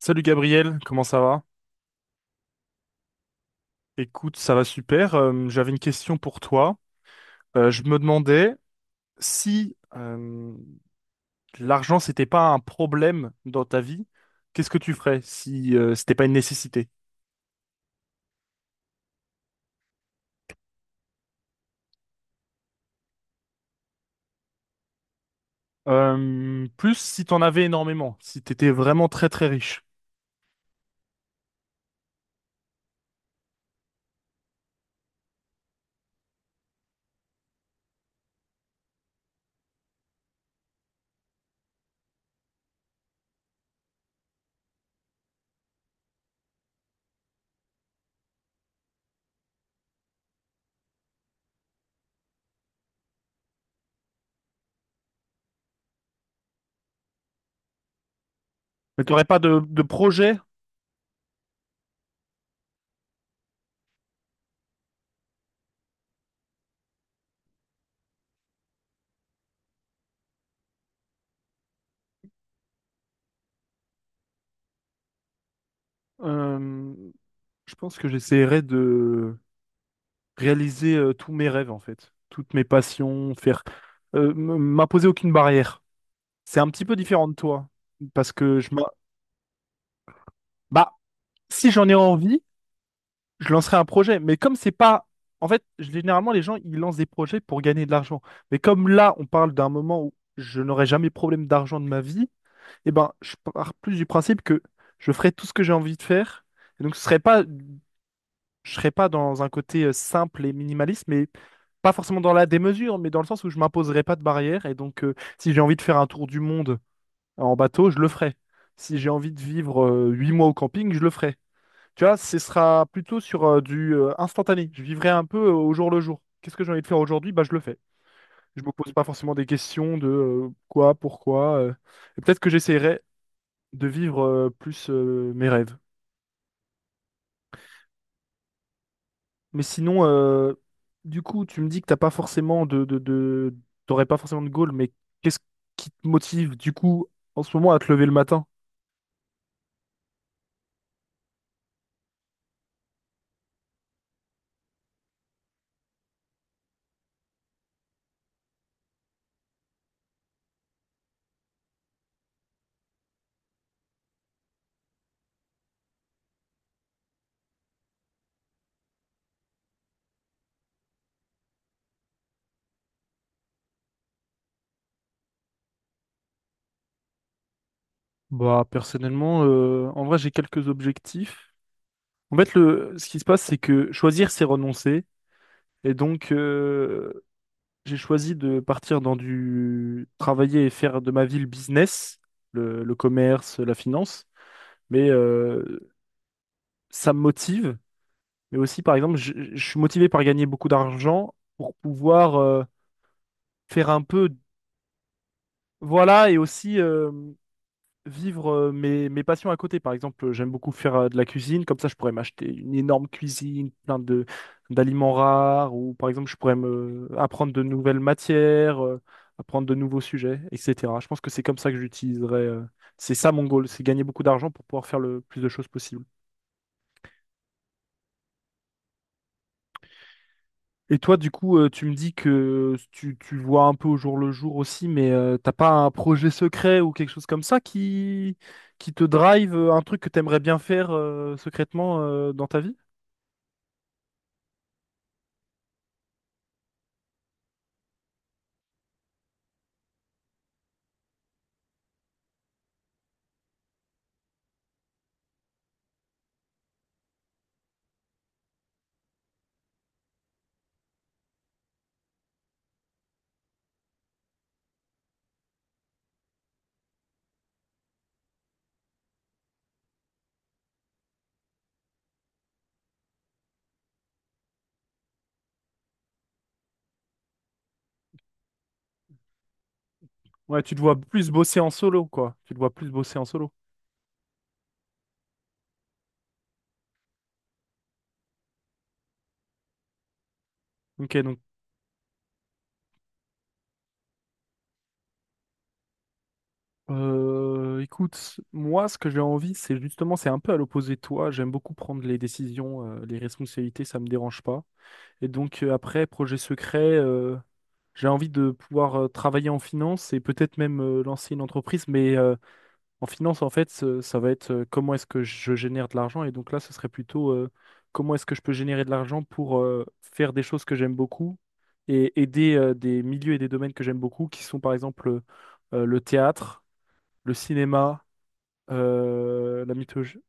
Salut Gabriel, comment ça va? Écoute, ça va super. J'avais une question pour toi. Je me demandais si l'argent, c'était pas un problème dans ta vie, qu'est-ce que tu ferais si c'était pas une nécessité? Plus si t'en avais énormément, si t'étais vraiment très très riche. Mais t'aurais pas de projet? Euh, je pense que j'essaierais de réaliser tous mes rêves en fait, toutes mes passions, faire m'imposer aucune barrière. C'est un petit peu différent de toi. Parce que je me... Bah, si j'en ai envie, je lancerai un projet. Mais comme c'est pas... En fait, généralement, les gens, ils lancent des projets pour gagner de l'argent. Mais comme là, on parle d'un moment où je n'aurai jamais problème d'argent de ma vie, eh ben, je pars plus du principe que je ferai tout ce que j'ai envie de faire. Et donc, ce serait pas... je serais pas dans un côté simple et minimaliste, mais pas forcément dans la démesure, mais dans le sens où je m'imposerai pas de barrière. Et donc, si j'ai envie de faire un tour du monde en bateau, je le ferai. Si j'ai envie de vivre 8 mois au camping, je le ferai. Tu vois, ce sera plutôt sur du instantané. Je vivrai un peu au jour le jour. Qu'est-ce que j'ai envie de faire aujourd'hui? Bah, je le fais. Je me pose pas forcément des questions de quoi, pourquoi. Et peut-être que j'essaierai de vivre plus mes rêves. Mais sinon, du coup, tu me dis que t'as pas forcément t'aurais pas forcément de goal, mais qu'est-ce qui te motive du coup en ce moment à te lever le matin? Bah personnellement, en vrai, j'ai quelques objectifs. En fait, ce qui se passe, c'est que choisir, c'est renoncer. Et donc, j'ai choisi de partir dans du travailler et faire de ma vie le business, le commerce, la finance. Mais ça me motive. Mais aussi, par exemple, je suis motivé par gagner beaucoup d'argent pour pouvoir faire un peu, voilà, et aussi vivre mes passions à côté. Par exemple, j'aime beaucoup faire de la cuisine, comme ça je pourrais m'acheter une énorme cuisine, plein de d'aliments rares, ou par exemple je pourrais me apprendre de nouvelles matières, apprendre de nouveaux sujets, etc. Je pense que c'est comme ça que j'utiliserais. C'est ça mon goal, c'est gagner beaucoup d'argent pour pouvoir faire le plus de choses possible. Et toi, du coup, tu me dis que tu vois un peu au jour le jour aussi, mais t'as pas un projet secret ou quelque chose comme ça qui te drive, un truc que t'aimerais bien faire secrètement dans ta vie? Ouais, tu te vois plus bosser en solo, quoi. Tu te vois plus bosser en solo. Ok, donc, écoute, moi, ce que j'ai envie, c'est justement, c'est un peu à l'opposé de toi. J'aime beaucoup prendre les décisions, les responsabilités, ça me dérange pas. Et donc, après, projet secret. J'ai envie de pouvoir travailler en finance et peut-être même lancer une entreprise, mais en finance, en fait, ça va être comment est-ce que je génère de l'argent. Et donc là, ce serait plutôt comment est-ce que je peux générer de l'argent pour faire des choses que j'aime beaucoup et aider des milieux et des domaines que j'aime beaucoup, qui sont par exemple le théâtre, le cinéma, la mythologie.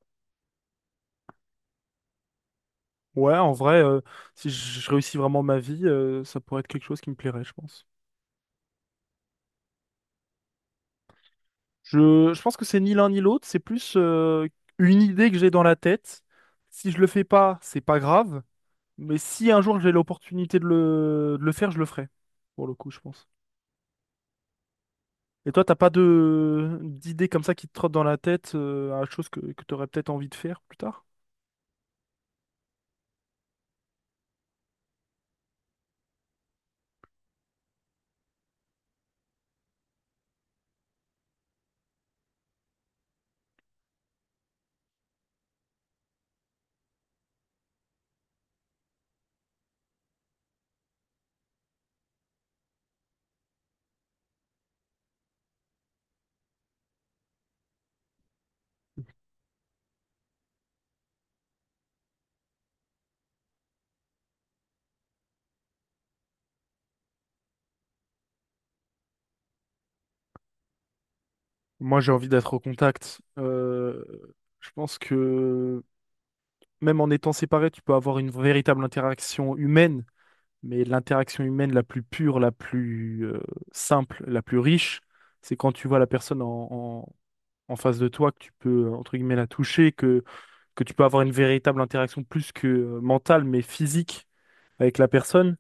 Ouais, en vrai, si je réussis vraiment ma vie, ça pourrait être quelque chose qui me plairait, je pense. Je pense que c'est ni l'un ni l'autre, c'est plus une idée que j'ai dans la tête. Si je le fais pas, c'est pas grave, mais si un jour j'ai l'opportunité de le faire, je le ferai, pour le coup, je pense. Et toi, t'as pas de d'idées comme ça qui te trottent dans la tête à chose que t'aurais peut-être envie de faire plus tard? Mhm. Moi, j'ai envie d'être au contact. Je pense que même en étant séparé, tu peux avoir une véritable interaction humaine, mais l'interaction humaine la plus pure, la plus simple, la plus riche, c'est quand tu vois la personne en- en face de toi, que tu peux, entre guillemets, la toucher, que tu peux avoir une véritable interaction plus que mentale, mais physique avec la personne.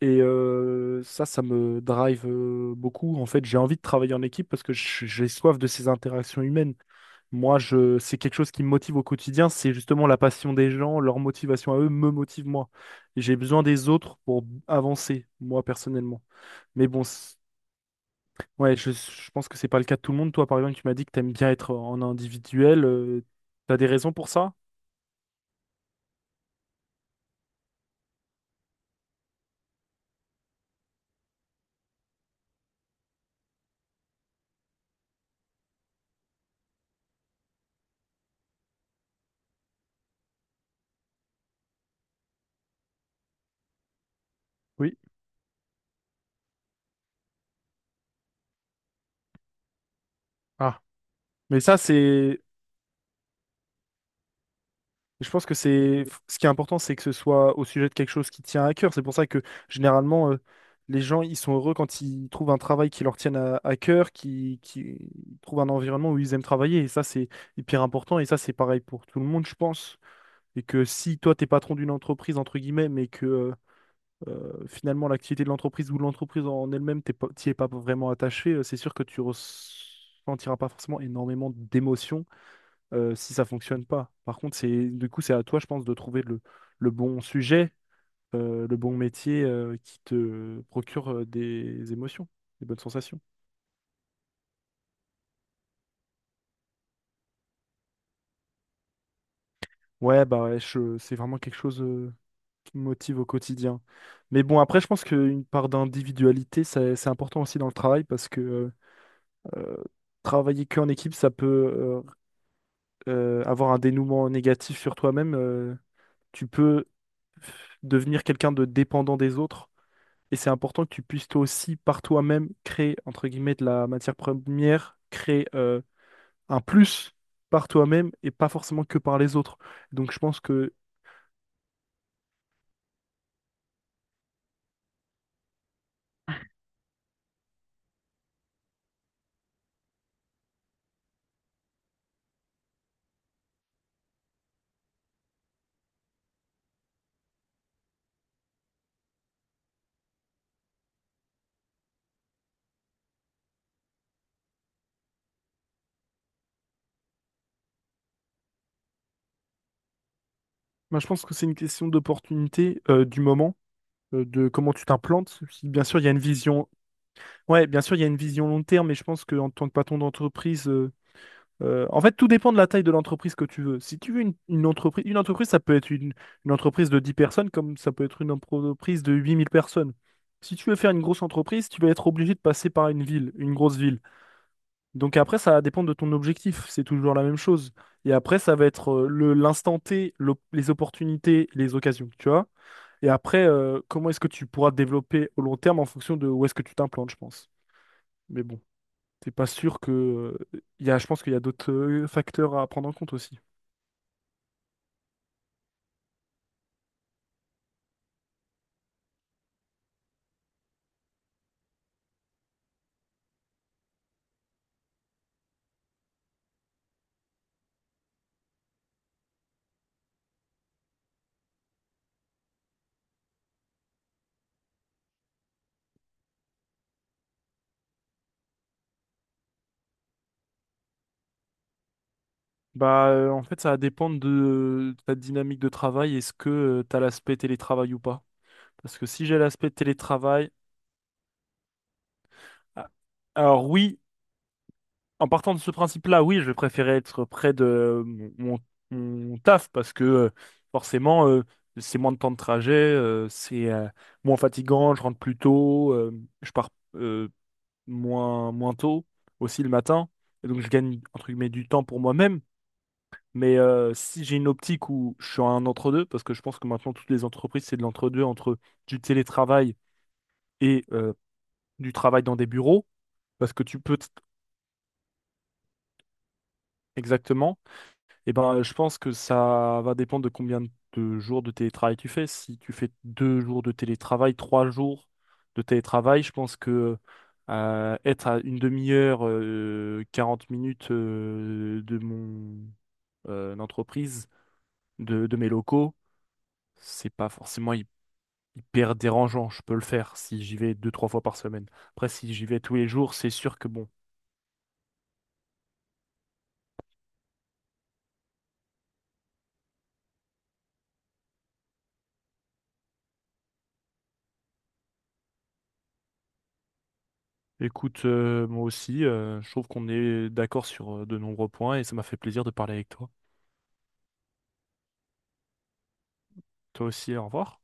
Et ça me drive beaucoup. En fait, j'ai envie de travailler en équipe parce que j'ai soif de ces interactions humaines. Moi, c'est quelque chose qui me motive au quotidien, c'est justement la passion des gens, leur motivation à eux me motive moi. J'ai besoin des autres pour avancer, moi personnellement. Mais bon, ouais, je pense que c'est pas le cas de tout le monde. Toi, par exemple, tu m'as dit que t'aimes bien être en individuel. T'as des raisons pour ça? Oui. Ah. Mais ça, c'est Je pense que c'est ce qui est important, c'est que ce soit au sujet de quelque chose qui tient à cœur. C'est pour ça que généralement, les gens, ils sont heureux quand ils trouvent un travail qui leur tienne à cœur, qui trouvent un environnement où ils aiment travailler. Et ça, c'est hyper important. Et ça, c'est pareil pour tout le monde, je pense. Et que si toi, t'es patron d'une entreprise, entre guillemets, mais que finalement, l'activité de l'entreprise ou de l'entreprise en elle-même, t'y es pas vraiment attaché, c'est sûr que tu ressentiras pas forcément énormément d'émotions si ça fonctionne pas. Par contre, c'est du coup, c'est à toi, je pense, de trouver le bon sujet, le bon métier qui te procure des émotions, des bonnes sensations. Ouais, bah ouais, c'est vraiment quelque chose qui me motive au quotidien. Mais bon, après, je pense qu'une part d'individualité, c'est important aussi dans le travail parce que euh, travailler qu'en équipe, ça peut avoir un dénouement négatif sur toi-même. Tu peux devenir quelqu'un de dépendant des autres. Et c'est important que tu puisses toi aussi, par toi-même, créer, entre guillemets, de la matière première, créer un plus par toi-même et pas forcément que par les autres. Donc je pense que, moi, je pense que c'est une question d'opportunité du moment, de comment tu t'implantes. Si, bien sûr, il y a une vision, ouais, bien sûr, il y a une vision long terme, mais je pense qu'en tant que patron d'entreprise, en fait, tout dépend de la taille de l'entreprise que tu veux. Si tu veux une entreprise, une entreprise, ça peut être une entreprise de 10 personnes comme ça peut être une entreprise de 8 000 personnes. Si tu veux faire une grosse entreprise, tu vas être obligé de passer par une ville, une grosse ville. Donc après, ça va dépendre de ton objectif. C'est toujours la même chose. Et après, ça va être l'instant T, les opportunités, les occasions, tu vois. Et après, comment est-ce que tu pourras te développer au long terme en fonction de où est-ce que tu t'implantes, je pense. Mais bon t'es pas sûr que. Je pense qu'il y a d'autres facteurs à prendre en compte aussi. Bah, en fait, ça va dépendre de ta dynamique de travail. Est-ce que tu as l'aspect télétravail ou pas? Parce que si j'ai l'aspect télétravail. Ah, alors, oui, en partant de ce principe-là, oui, je vais préférer être près de mon taf parce que forcément, c'est moins de temps de trajet, c'est moins fatigant, je rentre plus tôt, je pars. euh, moins, moins tôt, aussi le matin. Et donc, je gagne, entre guillemets, du temps pour moi-même. Mais si j'ai une optique où je suis un entre-deux, parce que je pense que maintenant, toutes les entreprises, c'est de l'entre-deux entre du télétravail et du travail dans des bureaux, parce que tu peux t- exactement. Eh ben, je pense que ça va dépendre de combien de jours de télétravail tu fais. Si tu fais 2 jours de télétravail, 3 jours de télétravail, je pense que être à une demi-heure, 40 minutes de mon entreprise, de mes locaux, c'est pas forcément hyper dérangeant. Je peux le faire si j'y vais deux, trois fois par semaine. Après, si j'y vais tous les jours, c'est sûr que bon. Écoute, moi aussi, je trouve qu'on est d'accord sur de nombreux points et ça m'a fait plaisir de parler avec toi. Toi aussi, au revoir.